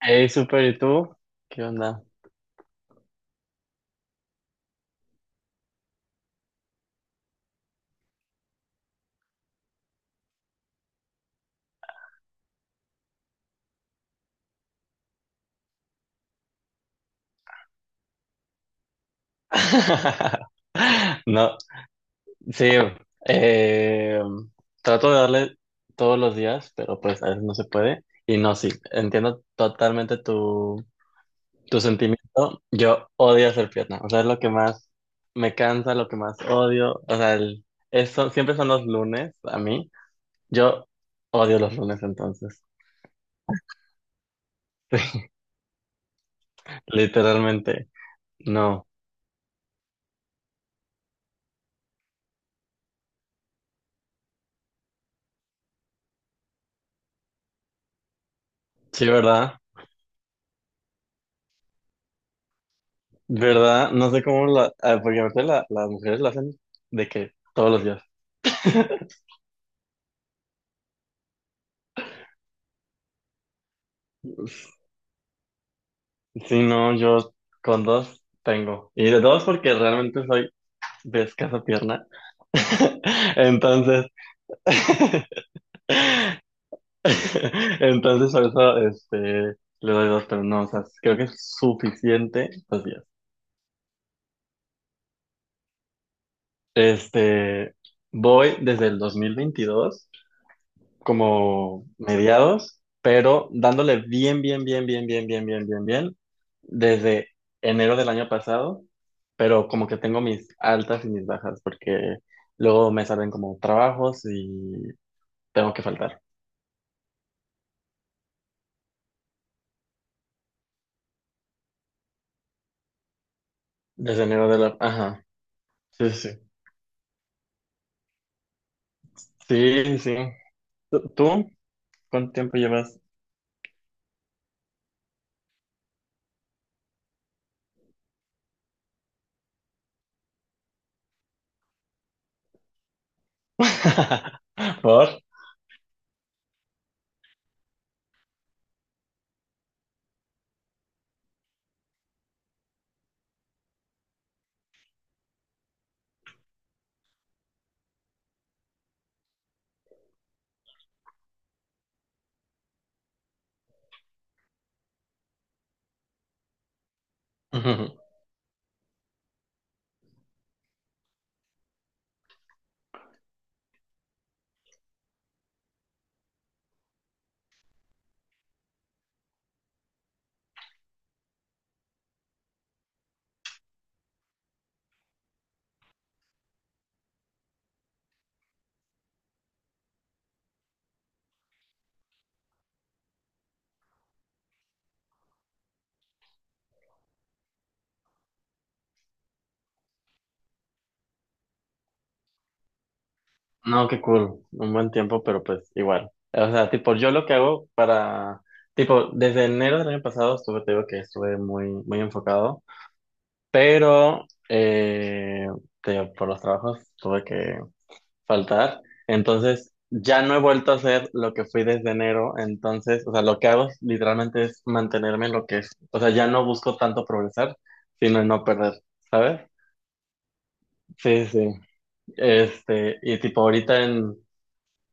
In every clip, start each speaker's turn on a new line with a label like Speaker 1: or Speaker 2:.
Speaker 1: Hey, super, ¿y tú? ¿Qué onda? No, sí, eh, trato de darle todos los días, pero pues a veces no se puede. Y no, sí, entiendo totalmente tu sentimiento. Yo odio hacer pierna, o sea, es lo que más me cansa, lo que más odio. O sea, eso, siempre son los lunes a mí. Yo odio los lunes entonces, literalmente. No, sí, ¿verdad? ¿Verdad? No sé cómo. Porque aparte las mujeres lo hacen de que todos los días. Si no, yo con dos tengo. Y de dos porque realmente soy de escasa pierna. Entonces... Entonces por eso le doy dos, pero no, o sea, creo que es suficiente 2 días. Este, Voy desde el 2022 como mediados, pero dándole bien, bien, bien, bien, bien, bien, bien, bien, bien, desde enero del año pasado, pero como que tengo mis altas y mis bajas, porque luego me salen como trabajos y tengo que faltar. Desde enero de la... Ajá, sí, sí, sí, sí, sí. ¿Tú? ¿Cuánto tiempo llevas? ¿Por? No, qué cool, un buen tiempo, pero pues igual. O sea, tipo, yo lo que hago tipo, desde enero del año pasado estuve, te digo que estuve muy, muy enfocado, pero, te digo, por los trabajos tuve que faltar. Entonces, ya no he vuelto a hacer lo que fui desde enero. Entonces, o sea, lo que hago es, literalmente es mantenerme en lo que es. O sea, ya no busco tanto progresar, sino en no perder, ¿sabes? Sí, sí. Y tipo,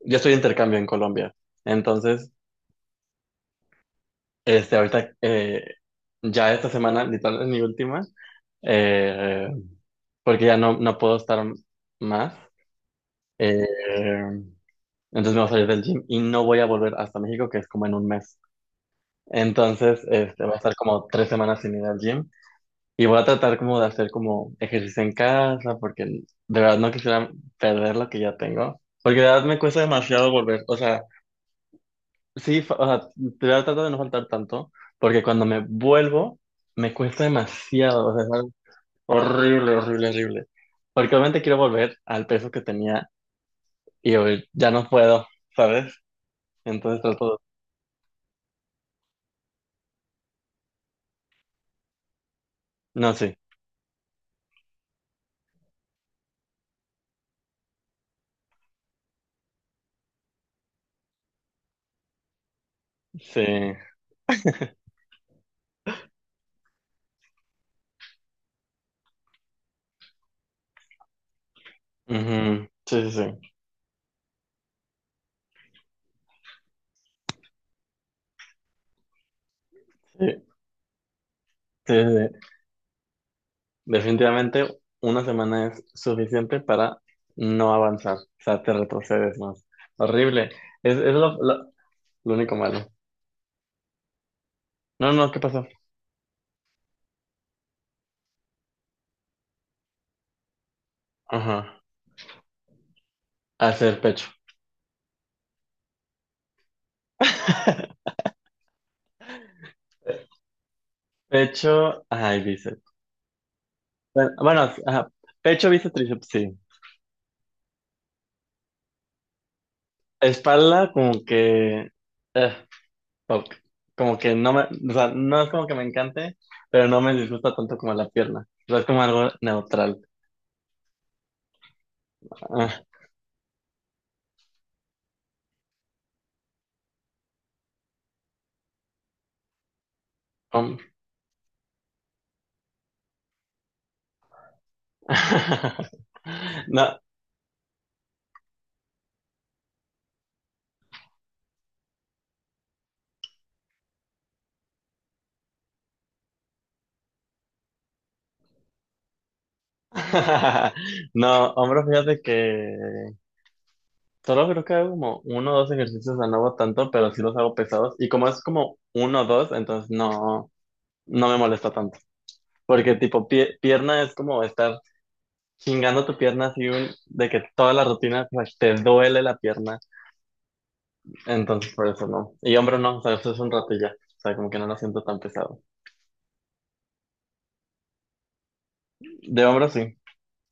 Speaker 1: yo estoy de intercambio en Colombia. Entonces, ahorita, ya esta semana, literal, es mi última, eh, porque ya no, no puedo estar más. Eh, entonces me voy a salir del gym y no voy a volver hasta México, que es como en un mes. Entonces, voy a estar como 3 semanas sin ir al gym y voy a tratar como de hacer como ejercicio en casa, porque de verdad no quisiera perder lo que ya tengo. Porque de verdad me cuesta demasiado volver. O sea, sí, o sea, trato de no faltar tanto, porque cuando me vuelvo, me cuesta demasiado, o sea, es algo horrible, horrible, horrible. Porque obviamente quiero volver al peso que tenía y hoy ya no puedo, ¿sabes? Entonces trato de... No, sí, sí. Ujú, sí, sí, sí, sí, sí, sí, sí. Definitivamente una semana es suficiente para no avanzar, o sea, te retrocedes más. Horrible, es lo único malo. No, no, ¿qué pasó? Ajá, hacer pecho. Pecho, ay, bíceps. Bueno, bueno, ajá, pecho, bíceps, tríceps, sí. Espalda, como que, eh, ok. Como que no me, o sea, no es como que me encante, pero no me disgusta tanto como la pierna. O sea, es como algo neutral. Ah, hom- No, no, hombro, fíjate que solo creo que hago como uno o dos ejercicios, o sea, no hago tanto, pero sí los hago pesados. Y como es como uno o dos, entonces no, no me molesta. Porque tipo pierna es como estar chingando tu pierna así de que toda la rutina, o sea, te duele la pierna. Entonces por eso no. Y hombro no, o sea, eso es un rato y ya. O sea, como que no lo siento tan pesado. De hombro sí.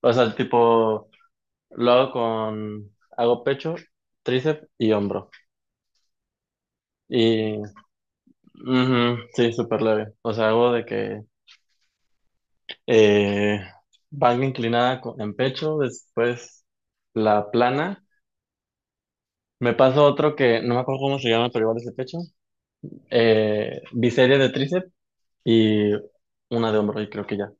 Speaker 1: O sea, tipo lo hago con, hago pecho, tríceps y hombro. Y ujú, sí, súper leve. O sea, hago de que eh, banca inclinada en pecho, después la plana. Me paso otro que no me acuerdo cómo se llama, pero igual es de pecho. Biseria de tríceps y una de hombro, y creo que ya.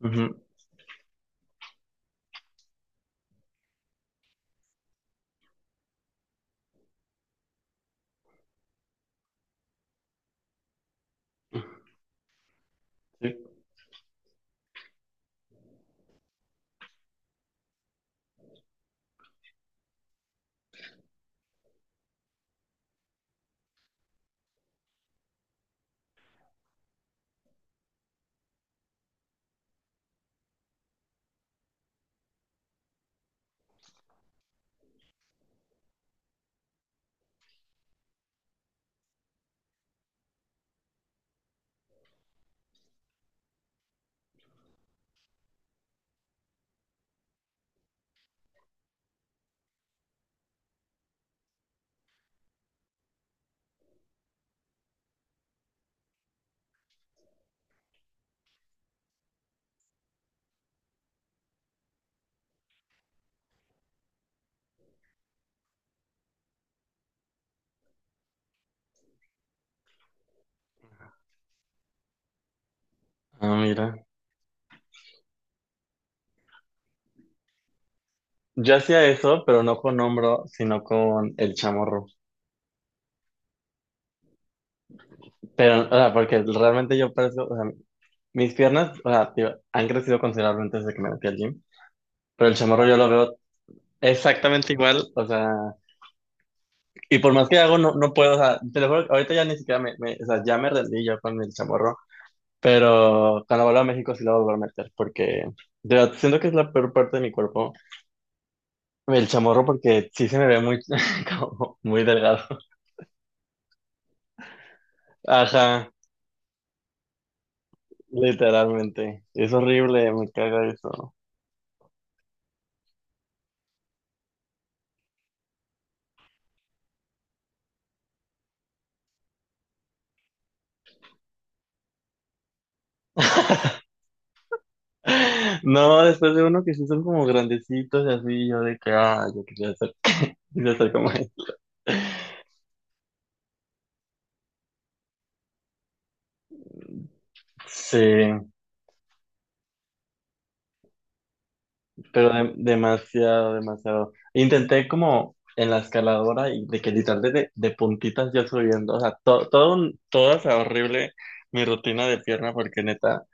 Speaker 1: Ujú, sí. Ah, mira. Yo hacía eso, pero no con hombro, sino con el chamorro. Pero, o sea, porque realmente yo parezco, o sea, mis piernas, o sea, digo, han crecido considerablemente desde que me metí al gym, pero el chamorro yo lo veo exactamente igual, o sea, y por más que hago, no, no puedo, o sea, te lo juro, que ahorita ya ni siquiera o sea, ya me rendí yo con el chamorro, pero cuando vuelva a México sí lo voy a volver a meter, porque, de verdad, siento que es la peor parte de mi cuerpo. El chamorro porque sí se me ve muy, como muy delgado. Ajá, literalmente. Es horrible, me caga eso. No, después de uno que sí son como grandecitos y así, yo de que, ah, quería ser como él. Sí, pero demasiado, demasiado. Intenté como en la escaladora y de que literal de puntitas yo subiendo, o sea, todo, todo, o sea, horrible mi rutina de pierna porque neta.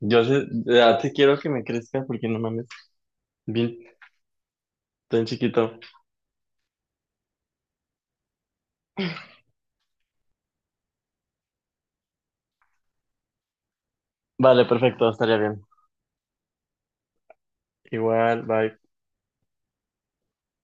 Speaker 1: Ya te quiero que me crezca porque no mames. Bien, tan chiquito. Vale, perfecto, estaría bien. Igual, bye.